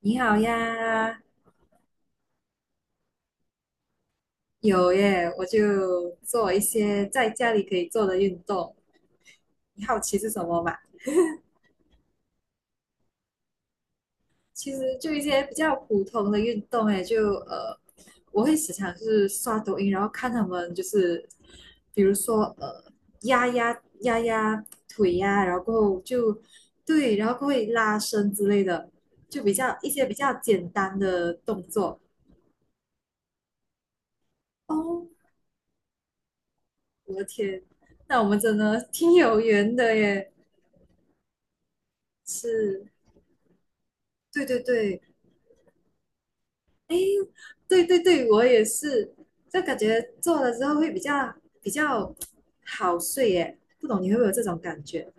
你好呀。有耶，我就做一些在家里可以做的运动。你好奇是什么嘛？其实就一些比较普通的运动，哎，就呃，我会时常是刷抖音，然后看他们就是，比如说压压腿呀、然后过后就对，然后过后会拉伸之类的，就比较一些比较简单的动作。哦，我的天，那我们真的挺有缘的耶，是。对对对，哎，对对对，我也是，就感觉做了之后会比较好睡耶，不懂你会不会有这种感觉？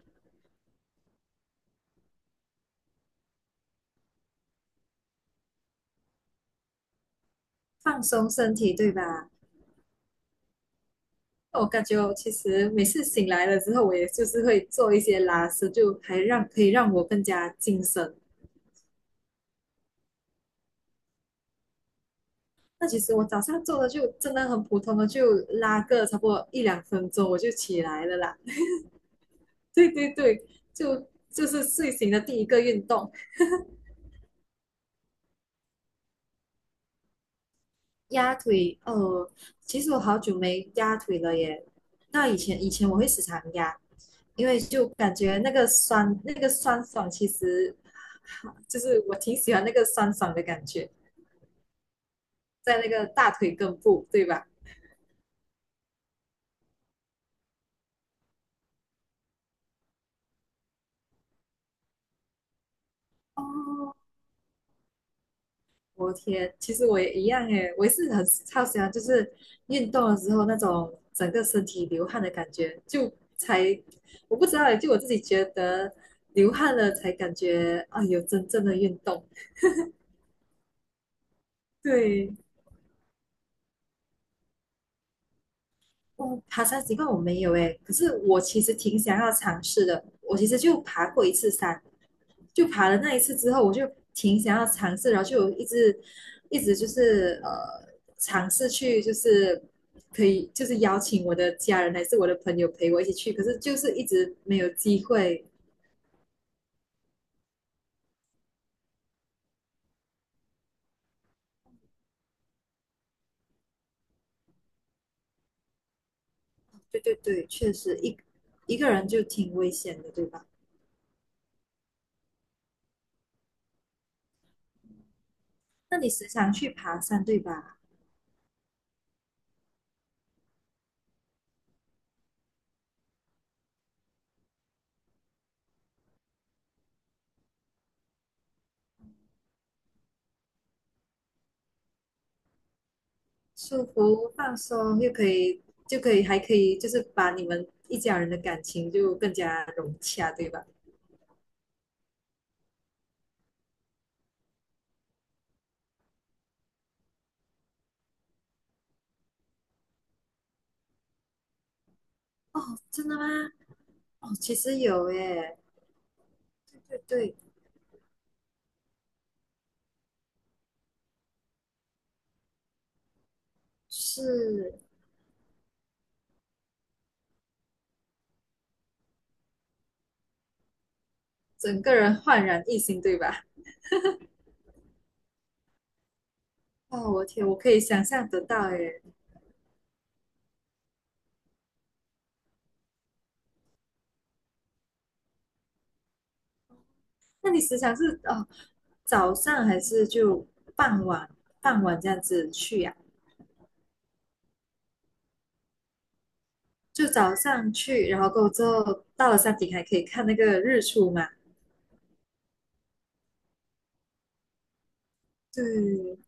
放松身体，对吧？我感觉我其实每次醒来了之后，我也就是会做一些拉伸，就还让可以让我更加精神。那其实我早上做的就真的很普通的，就拉个差不多一两分钟我就起来了啦。对对对，就是睡醒的第一个运动。压腿，哦，其实我好久没压腿了耶。那以前我会时常压，因为就感觉那个酸爽，其实就是我挺喜欢那个酸爽的感觉，在那个大腿根部，对吧？哦，我天，其实我也一样耶，我也是很超喜欢，就是运动的时候那种整个身体流汗的感觉，就才我不知道耶，就我自己觉得流汗了才感觉啊有真正的运动，对。哦，爬山习惯我没有诶，可是我其实挺想要尝试的。我其实就爬过一次山，就爬了那一次之后，我就挺想要尝试，然后就有一直就是尝试去，就是可以就是邀请我的家人还是我的朋友陪我一起去，可是就是一直没有机会。对对对，确实一个人就挺危险的，对吧？那你时常去爬山，对吧？舒服、放松，又可以还可以，就是把你们一家人的感情就更加融洽，对吧？哦，真的吗？哦，其实有耶，对对对，是整个人焕然一新，对吧？哦，我天，我可以想象得到耶。那你时常是哦，早上还是就傍晚，傍晚这样子去呀、就早上去，然后过后之后到了山顶还可以看那个日出嘛？对，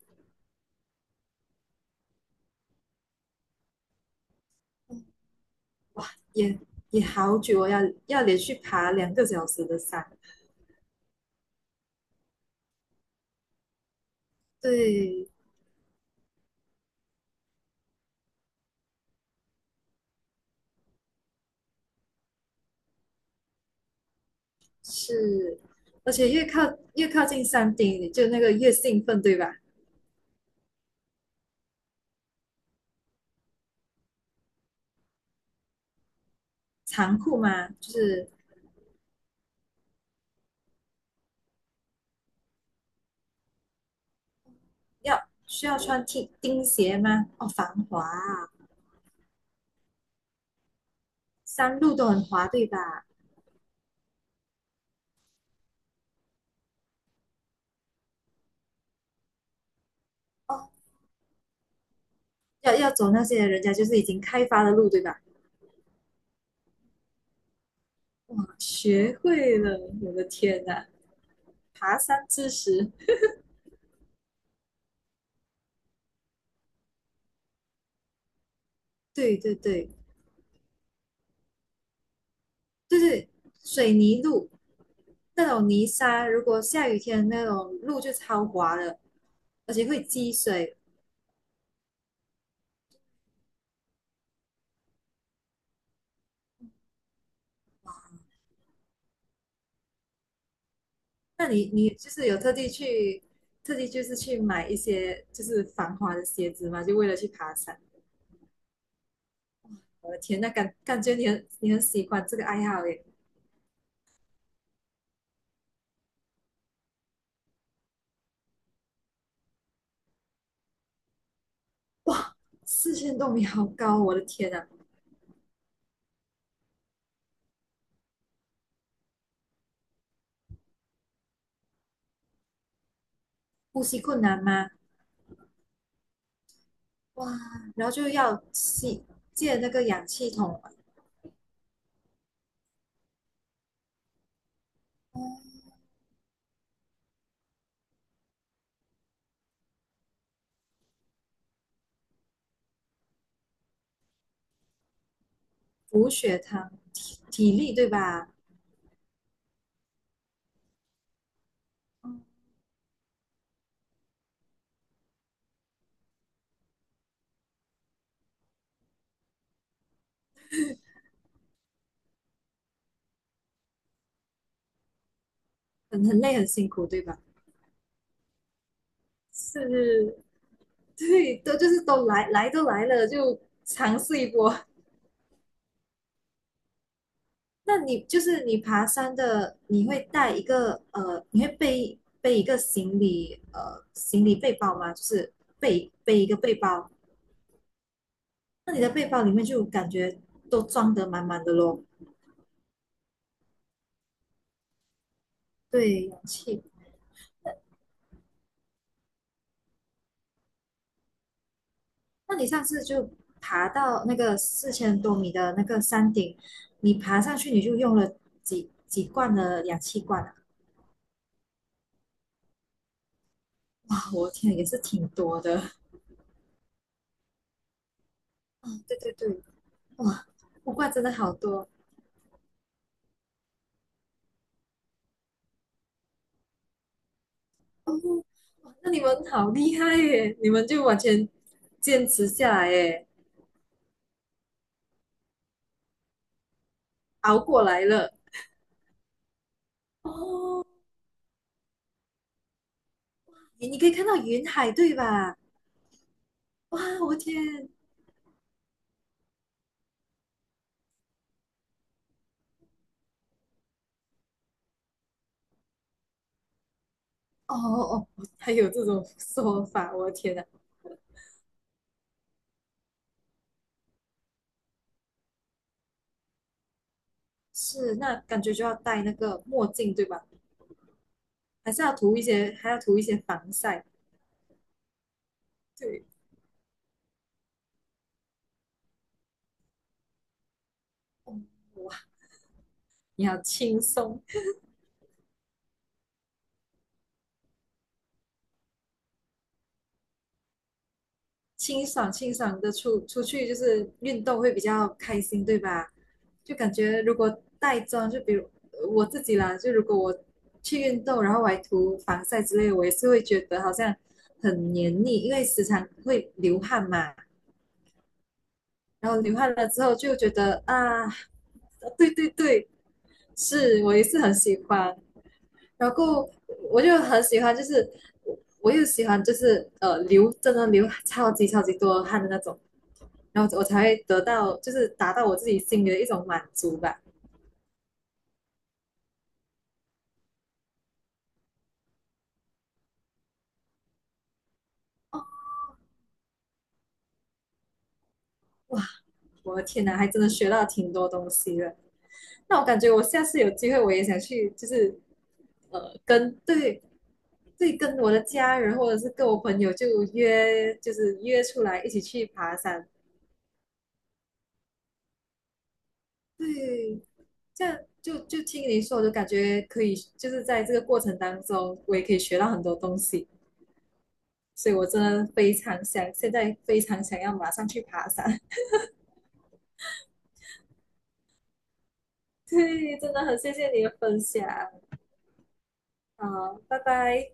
也也好久哦，要连续爬2个小时的山。对，是，而且越靠近山顶，你就那个越兴奋，对吧？长裤吗？就是需要穿钉鞋吗？哦，防滑啊，山路都很滑，对吧？哦，要走那些人家就是已经开发的路，对吧？哇，学会了，我的天呐，爬山知识，对对对就是水泥路，那种泥沙，如果下雨天那种路就超滑的，而且会积水。那你就是有特地去，特地就是去买一些就是防滑的鞋子嘛，就为了去爬山。我的天，那感觉你很喜欢这个爱好耶，四千多米好高，我的天啊，呼吸困难吗？哇，然后就要借那个氧气筒补血糖，体力对吧？很累很辛苦对吧？是对，都就是都来都来了，就尝试一波。那你就是你爬山的，你会带一个呃，你会背一个行李呃行李背包吗？就是背一个背包，那你的背包里面就感觉都装得满满的咯。对，氧气。那你上次就爬到那个四千多米的那个山顶，你爬上去你就用了几罐的氧气罐啊？啊，我天，也是挺多的。啊，对对对，哇，卜卦真的好多哦，哇，那你们好厉害耶！你们就完全坚持下来耶，熬过来了。哦，你可以看到云海对吧？哇，我天！哦哦哦，还有这种说法，我的天呐，是，那感觉就要戴那个墨镜对吧？还是要涂一些，还要涂一些防晒。对，哇，你好轻松。清爽清爽的出去，就是运动会比较开心，对吧？就感觉如果带妆，就比如我自己啦，就如果我去运动，然后我还涂防晒之类的我也是会觉得好像很黏腻，因为时常会流汗嘛。然后流汗了之后就觉得啊，对对对，是我也是很喜欢。然后我就很喜欢，就是我我又喜欢就是真的流超级超级多汗的那种。然后我才会得到，就是达到我自己心里的一种满足吧。哇，我的天哪，还真的学到挺多东西的。那我感觉我下次有机会，我也想去，就是对对，跟我的家人或者是跟我朋友就约，就是约出来一起去爬山。对，这样就听你说，我就感觉可以，就是在这个过程当中，我也可以学到很多东西。所以我真的非常想，现在非常想要马上去爬山。对，真的很谢谢你的分享。好，拜拜。